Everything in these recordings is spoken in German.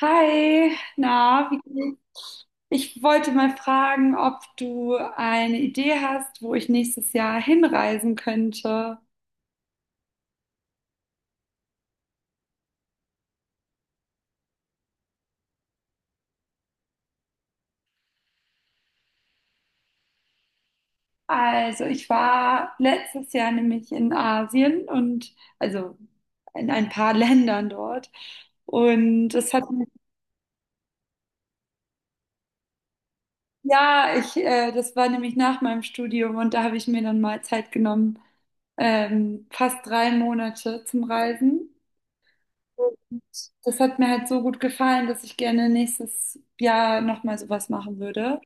Hi, na, wie geht's? Ich wollte mal fragen, ob du eine Idee hast, wo ich nächstes Jahr hinreisen könnte. Also, ich war letztes Jahr nämlich in Asien und also in ein paar Ländern dort. Und das hat ja, ich, das war nämlich nach meinem Studium und da habe ich mir dann mal Zeit genommen, fast 3 Monate zum Reisen. Und das hat mir halt so gut gefallen, dass ich gerne nächstes Jahr nochmal sowas machen würde.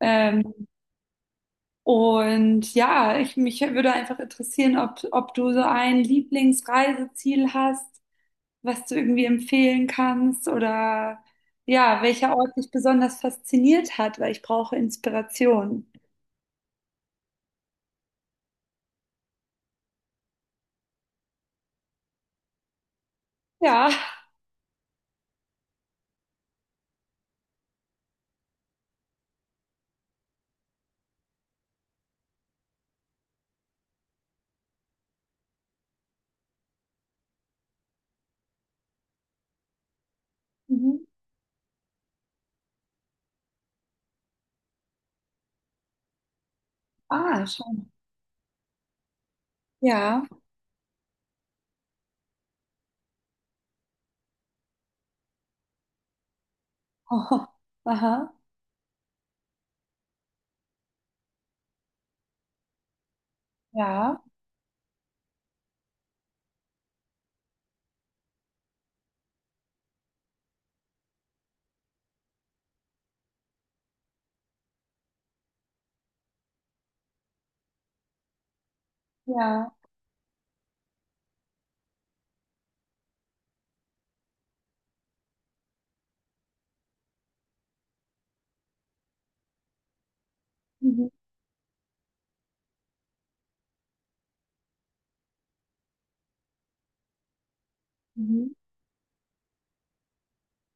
Ähm, und ja, ich, mich würde einfach interessieren, ob du so ein Lieblingsreiseziel hast, was du irgendwie empfehlen kannst oder ja, welcher Ort dich besonders fasziniert hat, weil ich brauche Inspiration. Ja. Mhm. Ah, schon. Ja. Aha. Ja. Ja. Mhm. Mhm.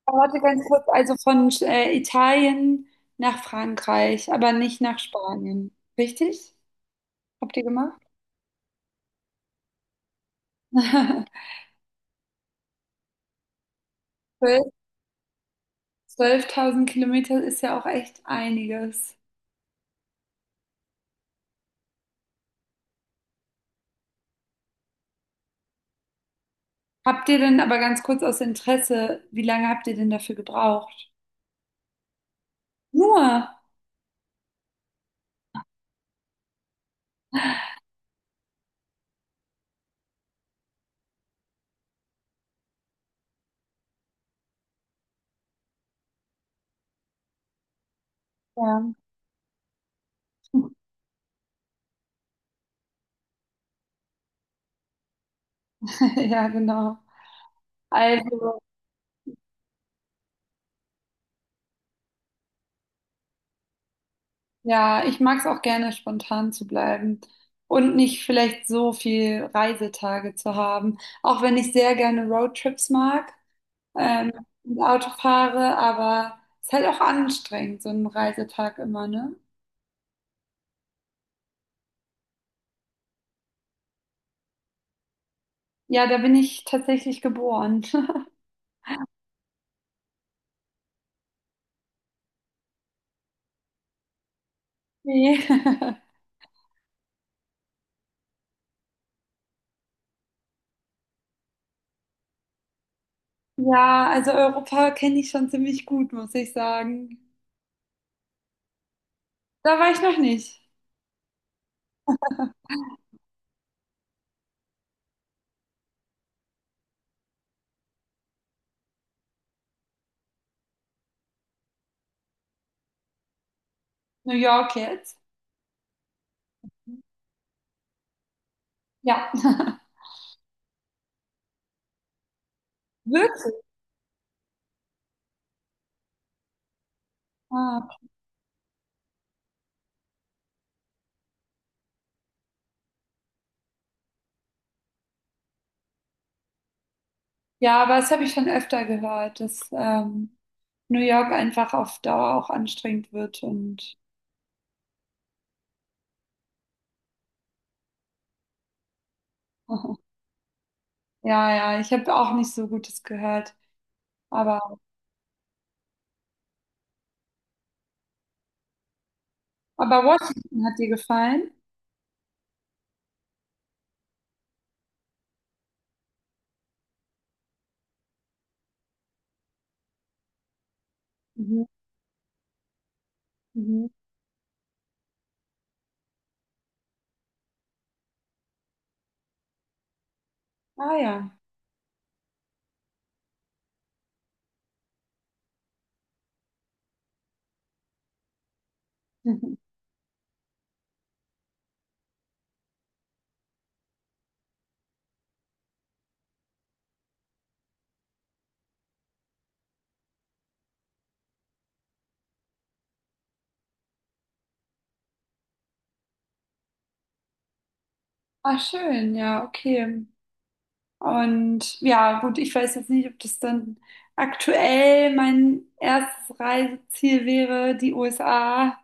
Warte ganz kurz, also von Italien nach Frankreich, aber nicht nach Spanien. Richtig? Habt ihr gemacht? 12 12.000 Kilometer ist ja auch echt einiges. Habt ihr denn, aber ganz kurz aus Interesse, wie lange habt ihr denn dafür gebraucht? Nur. Ja, ja, genau. Also ja, ich mag es auch gerne, spontan zu bleiben und nicht vielleicht so viel Reisetage zu haben. Auch wenn ich sehr gerne Roadtrips mag, ähm, und Auto fahre, aber es ist halt auch anstrengend, so ein Reisetag immer, ne? Ja, da bin ich tatsächlich geboren. Nee. Ja, also Europa kenne ich schon ziemlich gut, muss ich sagen. Da war ich noch nicht. New York jetzt? Ja. Wirklich? Ah. Ja, aber das habe ich schon öfter gehört, dass New York einfach auf Dauer auch anstrengend wird und ja, ja, ich habe auch nicht so Gutes gehört. Aber, aber Washington hat dir gefallen? Mhm, mhm. Ah ja. Mhm. Ah, schön, ja, okay. Und ja, gut, ich weiß jetzt nicht, ob das dann aktuell mein erstes Reiseziel wäre, die USA.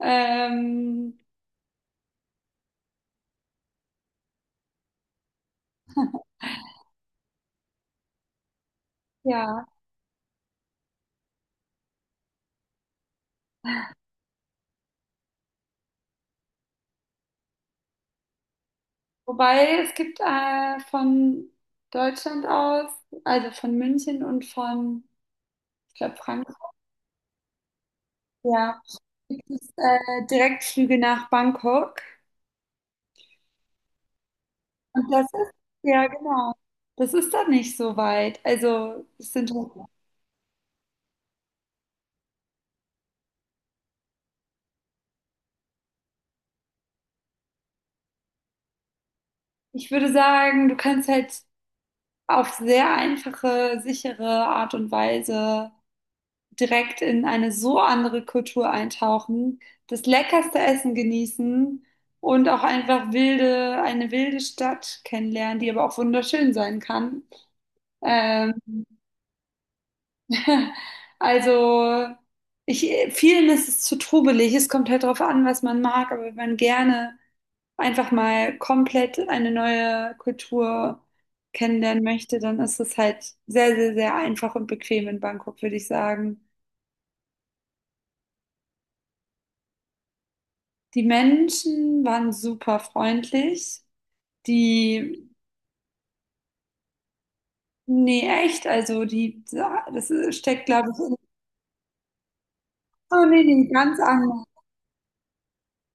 Ähm, ja. Wobei es gibt von Deutschland aus, also von München und von, ich glaube, Frankfurt, ja, gibt es Direktflüge nach Bangkok. Und das ist, ja, genau. Das ist dann nicht so weit. Also, es sind, ich würde sagen, du kannst halt auf sehr einfache, sichere Art und Weise direkt in eine so andere Kultur eintauchen, das leckerste Essen genießen und auch einfach wilde, eine wilde Stadt kennenlernen, die aber auch wunderschön sein kann. Ähm, also ich, vielen ist es zu trubelig. Es kommt halt darauf an, was man mag, aber wenn man gerne einfach mal komplett eine neue Kultur kennenlernen möchte, dann ist es halt sehr, sehr, sehr einfach und bequem in Bangkok, würde ich sagen. Die Menschen waren super freundlich. Die, nee, echt, also die, das steckt, glaube ich, in, oh nee, nee, ganz anders.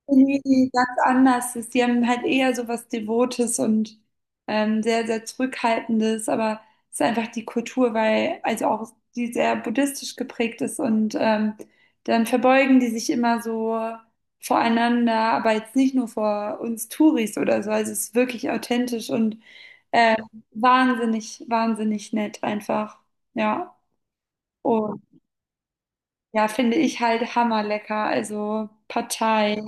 Nee, nee, ganz anders. Sie haben halt eher so was Devotes und sehr, sehr Zurückhaltendes, aber es ist einfach die Kultur, weil, also auch die sehr buddhistisch geprägt ist und dann verbeugen die sich immer so voreinander, aber jetzt nicht nur vor uns Touris oder so. Also es ist wirklich authentisch und ähm, wahnsinnig, wahnsinnig nett einfach. Ja. Und ja, finde ich halt hammerlecker. Also Partei,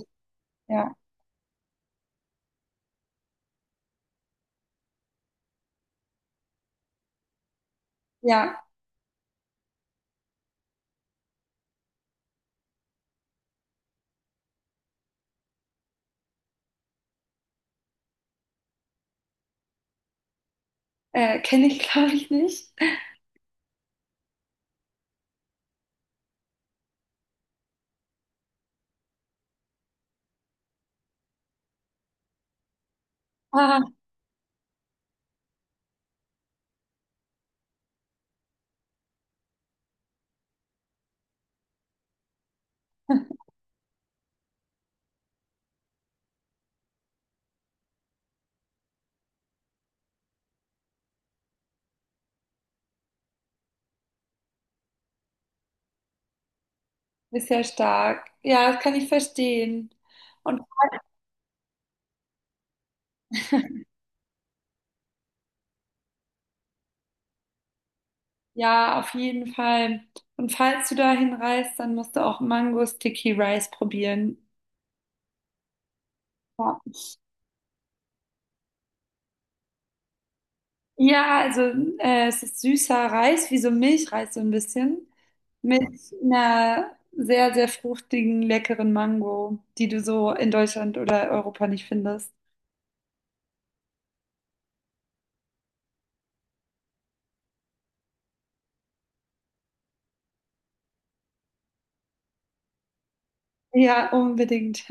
ja. Ja. Kenne ich, glaube ich, nicht. Ah, ist ja stark. Ja, das kann ich verstehen. Und ja, auf jeden Fall. Und falls du dahin reist, dann musst du auch Mango Sticky Rice probieren. Ja, ja, also es ist süßer Reis, wie so Milchreis so ein bisschen, mit einer sehr, sehr fruchtigen, leckeren Mango, die du so in Deutschland oder Europa nicht findest. Ja, unbedingt.